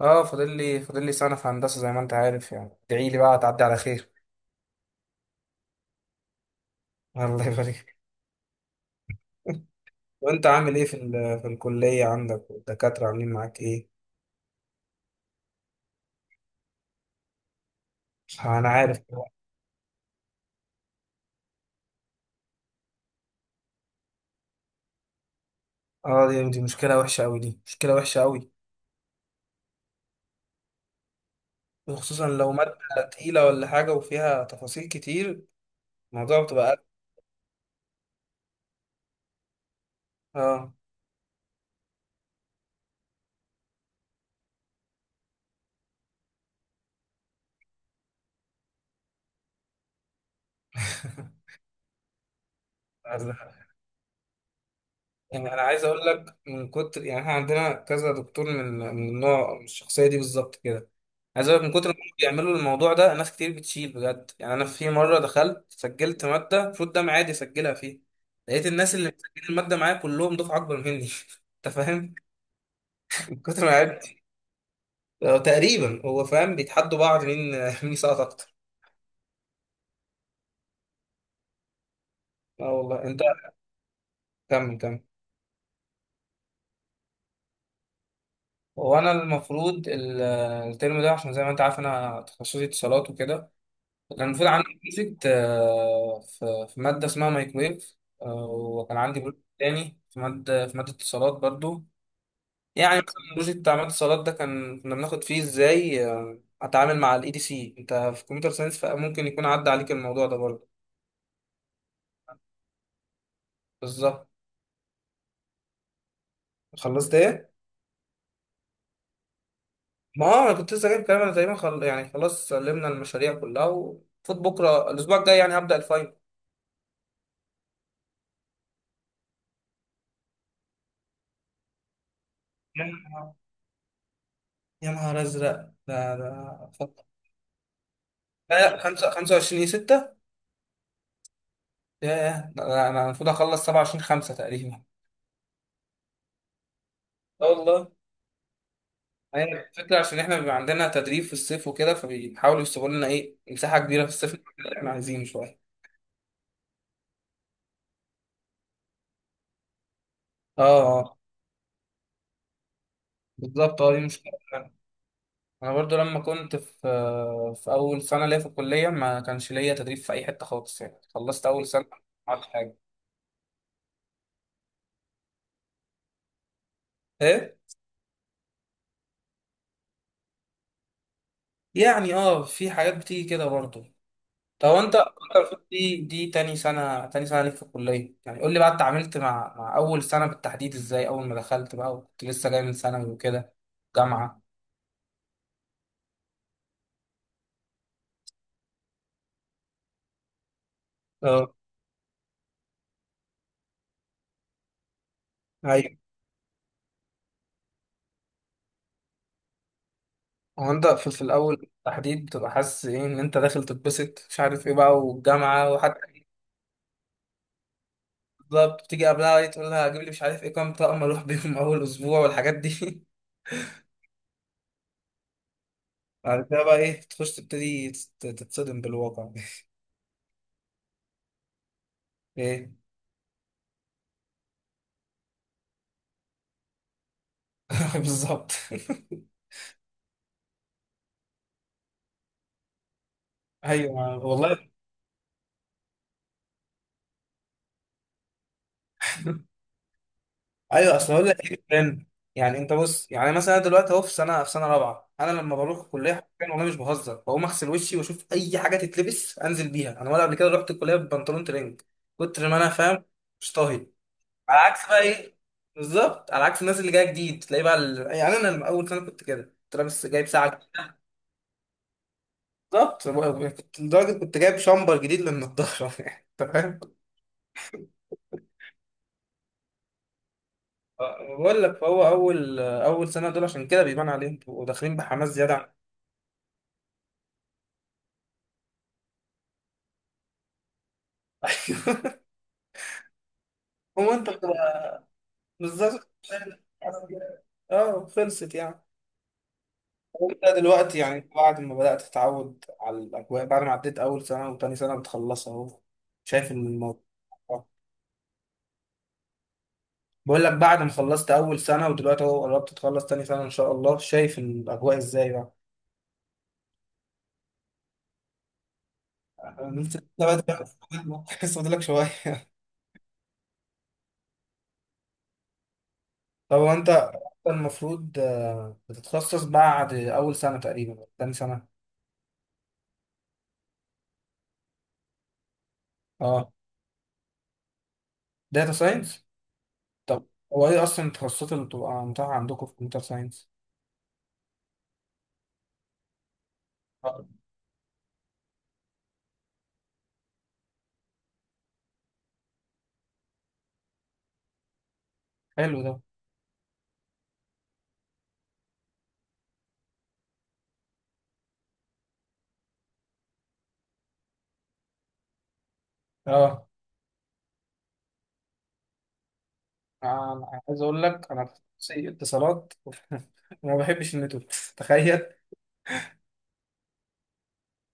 اه، فاضل لي سنة في هندسة زي ما انت عارف، يعني ادعي لي بقى تعدي على خير. الله يبارك. وانت عامل ايه في الكلية عندك، والدكاترة عاملين معاك ايه؟ انا عارف. اه، دي مشكلة وحشة قوي، دي مشكلة وحشة قوي. وخصوصا لو مادة تقيلة ولا حاجة وفيها تفاصيل كتير، الموضوع بتبقى أزمة. اه. يعني انا عايز اقول لك من كتر، يعني احنا عندنا كذا دكتور من النوع، من الشخصيه دي بالظبط كده. عايز اقول لك من كتر ما هم بيعملوا الموضوع ده، ناس كتير بتشيل بجد. يعني انا في مره دخلت سجلت ماده المفروض ده معادي اسجلها فيه، لقيت الناس اللي مسجلين الماده معايا كلهم دفعه اكبر مني. انت فاهم، من كتر ما عبت. هو تقريبا هو فاهم بيتحدوا بعض مين مين يسقط اكتر. اه والله. انت كمل كمل. وانا المفروض الترم ده، عشان زي ما انت عارف انا تخصصي اتصالات وكده. كان المفروض عندي بروجكت آه، في مادة اسمها مايكرويف. آه، وكان عندي بروجكت تاني في مادة، اتصالات برضو. يعني مثلا البروجكت بتاع مادة اتصالات ده كان كنا بناخد فيه ازاي آه، اتعامل مع الاي دي سي. انت في كمبيوتر ساينس فممكن يكون عدى عليك الموضوع ده برضو. بالظبط. خلصت ايه؟ ما هو انا كنت لسه جايب كلام، انا تقريبا يعني خلاص سلمنا المشاريع كلها وفوت بكره، الاسبوع الجاي يعني هبدأ الفاينل. يا نهار، يا نهار ازرق. ده لا لا 25 6. ياه، ده أنا المفروض اخلص 27 5 تقريبا. اه والله. هي الفكرة عشان احنا بيبقى عندنا تدريب في الصيف وكده، فبيحاولوا يسيبوا لنا ايه مساحة كبيرة في الصيف اللي احنا عايزينه شوية. اه اه. بالظبط، اه دي مشكلة فعلا. انا برضو لما كنت في اول سنة ليا في الكلية ما كانش ليا تدريب في اي حتة خالص، يعني خلصت اول سنة ما عملتش حاجة. ايه يعني، اه، في حاجات بتيجي كده برضو. طب انت المفروض دي تاني سنة، ليك في الكلية. يعني قول لي بقى، اتعاملت مع أول سنة بالتحديد ازاي؟ أول ما دخلت بقى وكنت لسه جاي من ثانوي وكده، جامعة. اه ايوه. هو انت في الأول بالتحديد بتبقى حاسس ايه، ان انت داخل تتبسط مش عارف ايه بقى والجامعة وحتى. بالظبط، بتيجي قبلها إيه تقول لها هجيب لي مش عارف ايه كام طقم اروح بيهم أول أسبوع والحاجات دي. بعد كده بقى ايه تخش تبتدي تتصدم بالواقع. ايه. بالظبط. ايوه والله. ايوه، اصل اقول لك ايه فاهم. يعني انت بص، يعني مثلا أنا دلوقتي اهو في سنه، رابعه انا لما بروح الكليه حرفيا والله مش بهزر، بقوم اغسل وشي واشوف اي حاجه تتلبس انزل بيها. انا ولا قبل كده رحت الكليه ببنطلون ترنج، كتر ما انا فاهم، مش طاهي. على عكس بقى ايه، بالظبط، على عكس الناس اللي جايه جديد تلاقي بقى يعني انا لما اول سنه كنت كده كنت لابس جايب ساعه جديدة. بالظبط. كنت لدرجه كنت جايب شامبر جديد للنضاره. يعني انت فاهم. أه، بقول لك، فهو اول سنه دول عشان كده بيبان عليهم وداخلين بحماس زياده عن... هو انت بتبقى. بالظبط. اه خلصت يعني. وانت دلوقتي يعني بعد ما بدأت تتعود على الأجواء، بعد ما عديت أول سنة وتاني سنة بتخلصها أهو، شايف إن الموضوع. آه. بقول لك، بعد ما خلصت أول سنة ودلوقتي أهو قربت تخلص تاني سنة إن شاء الله، شايف إن الأجواء إزاي بقى؟ أنا لسه بقى- لسه فاضلك شوية. طب هو أنت المفروض آه، بتتخصص بعد أول سنة تقريبا تاني سنة. أه، داتا ساينس. طب هو ايه اصلا التخصصات اللي بتبقى متاحه عندكم في كمبيوتر ساينس؟ آه، حلو ده. اه انا عايز اقول لك انا في تخصصي اتصالات وما بحبش النتورك. تخيل.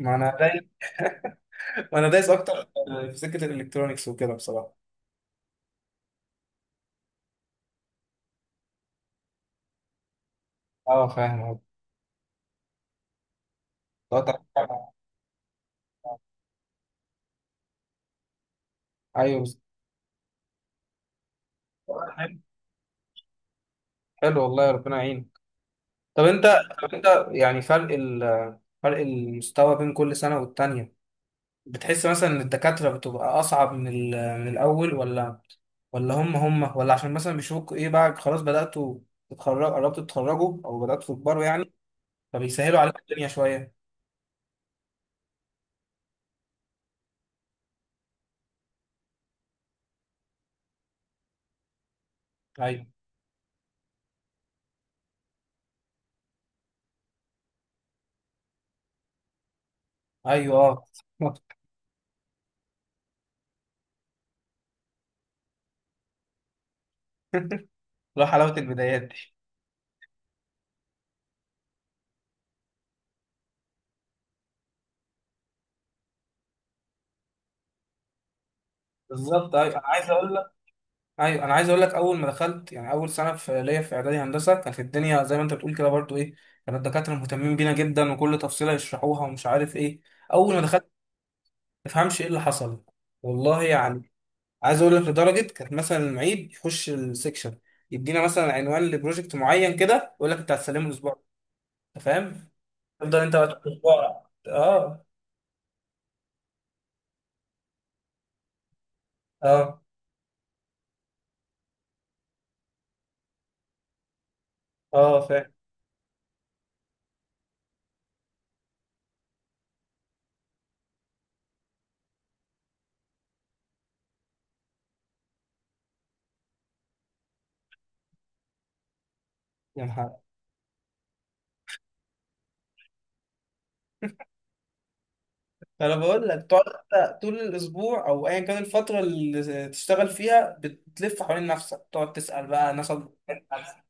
ما انا دايس. ما انا دايس اكتر في سكه الالكترونيكس وكده بصراحه. اه فاهم أهو. طب- ايوه بس- حلو. حلو والله، ربنا يعينك. طب انت طب انت، يعني فرق فرق المستوى بين كل سنه والتانيه، بتحس مثلا ان الدكاترة بتبقى اصعب من من الاول، ولا هم هم، ولا عشان مثلا بيشوفوك ايه بقى خلاص بدأتوا تتخرجوا، قربتوا تتخرجوا او بدأتوا تكبروا يعني، فبيسهلوا عليك الدنيا شوية. ايوه ايوه اه. لا حلاوة البدايات دي. بالظبط. ايوه انا عايز اقول لك اول ما دخلت، يعني اول سنة ليا في اعدادي هندسة كانت الدنيا زي ما انت بتقول كده برضو. ايه كان الدكاترة مهتمين بينا جدا وكل تفصيلة يشرحوها ومش عارف ايه. اول ما دخلت ما تفهمش ايه اللي حصل والله يعني. عايز اقول لك لدرجه كانت مثلا المعيد يخش السكشن يدينا مثلا عنوان لبروجكت معين كده يقول لك انت هتسلمه الاسبوع ده. انت فاهم، تفضل انت بقى الاسبوع، اه اه اه فاهم. يا محمد، فانا بقول لك تقعد أنت طول الاسبوع او ايا كان الفتره اللي تشتغل فيها بتلف حوالين نفسك تقعد تسال بقى ناس أكبر منك.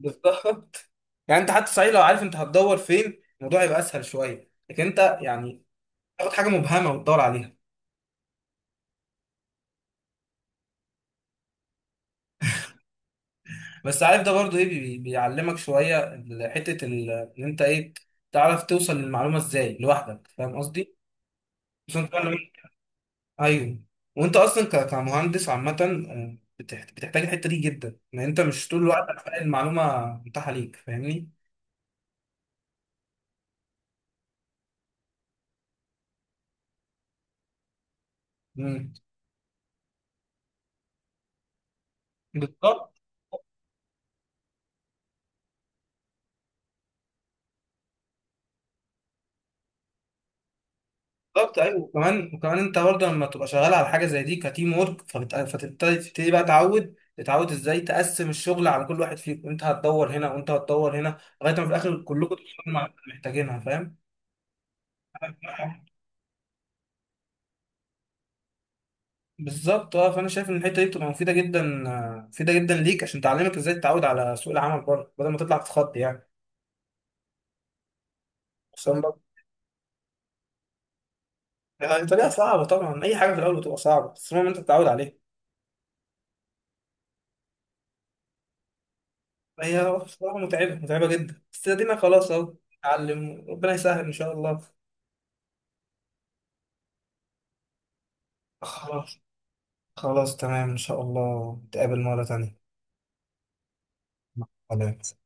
بالظبط. يعني انت حتى صحيح، لو عارف انت هتدور فين الموضوع يبقى اسهل شويه، لكن انت يعني تاخد حاجه مبهمه وتدور عليها. بس عارف، ده برضو ايه بيعلمك شويه ان انت ايه، تعرف توصل للمعلومه ازاي لوحدك، فاهم قصدي؟ بس انت لما- ايوه، وانت اصلا كمهندس عامه آه، بتحتاج الحته دي جدا، ان انت مش طول الوقت هتلاقي المعلومه متاحه ليك، فاهمني؟ مم. بالظبط. بالظبط ايوه، وكمان انت برضه لما تبقى شغال على حاجه زي دي كتيم ورك، فتبتدي بقى تتعود ازاي تقسم الشغل على كل واحد فيكم. انت هتدور هنا وانت هتدور هنا لغايه ما في الاخر كلكم تشتغلوا مع اللي محتاجينها، فاهم؟ بالظبط اه، فانا شايف ان الحته دي بتبقى مفيده جدا آه، مفيده جدا ليك، عشان تعلمك ازاي تتعود على سوق العمل بره بدل ما تطلع تتخض يعني. خصوصا بقى. يعني طريقه صعبه طبعا، اي حاجه في الاول بتبقى صعبه بس المهم انت تتعود عليها. هي بصراحه متعبه، متعبه جدا، بس ادينا خلاص اهو نتعلم، ربنا يسهل ان شاء الله. خلاص. خلاص تمام، إن شاء الله نتقابل مرة تانية. سلام.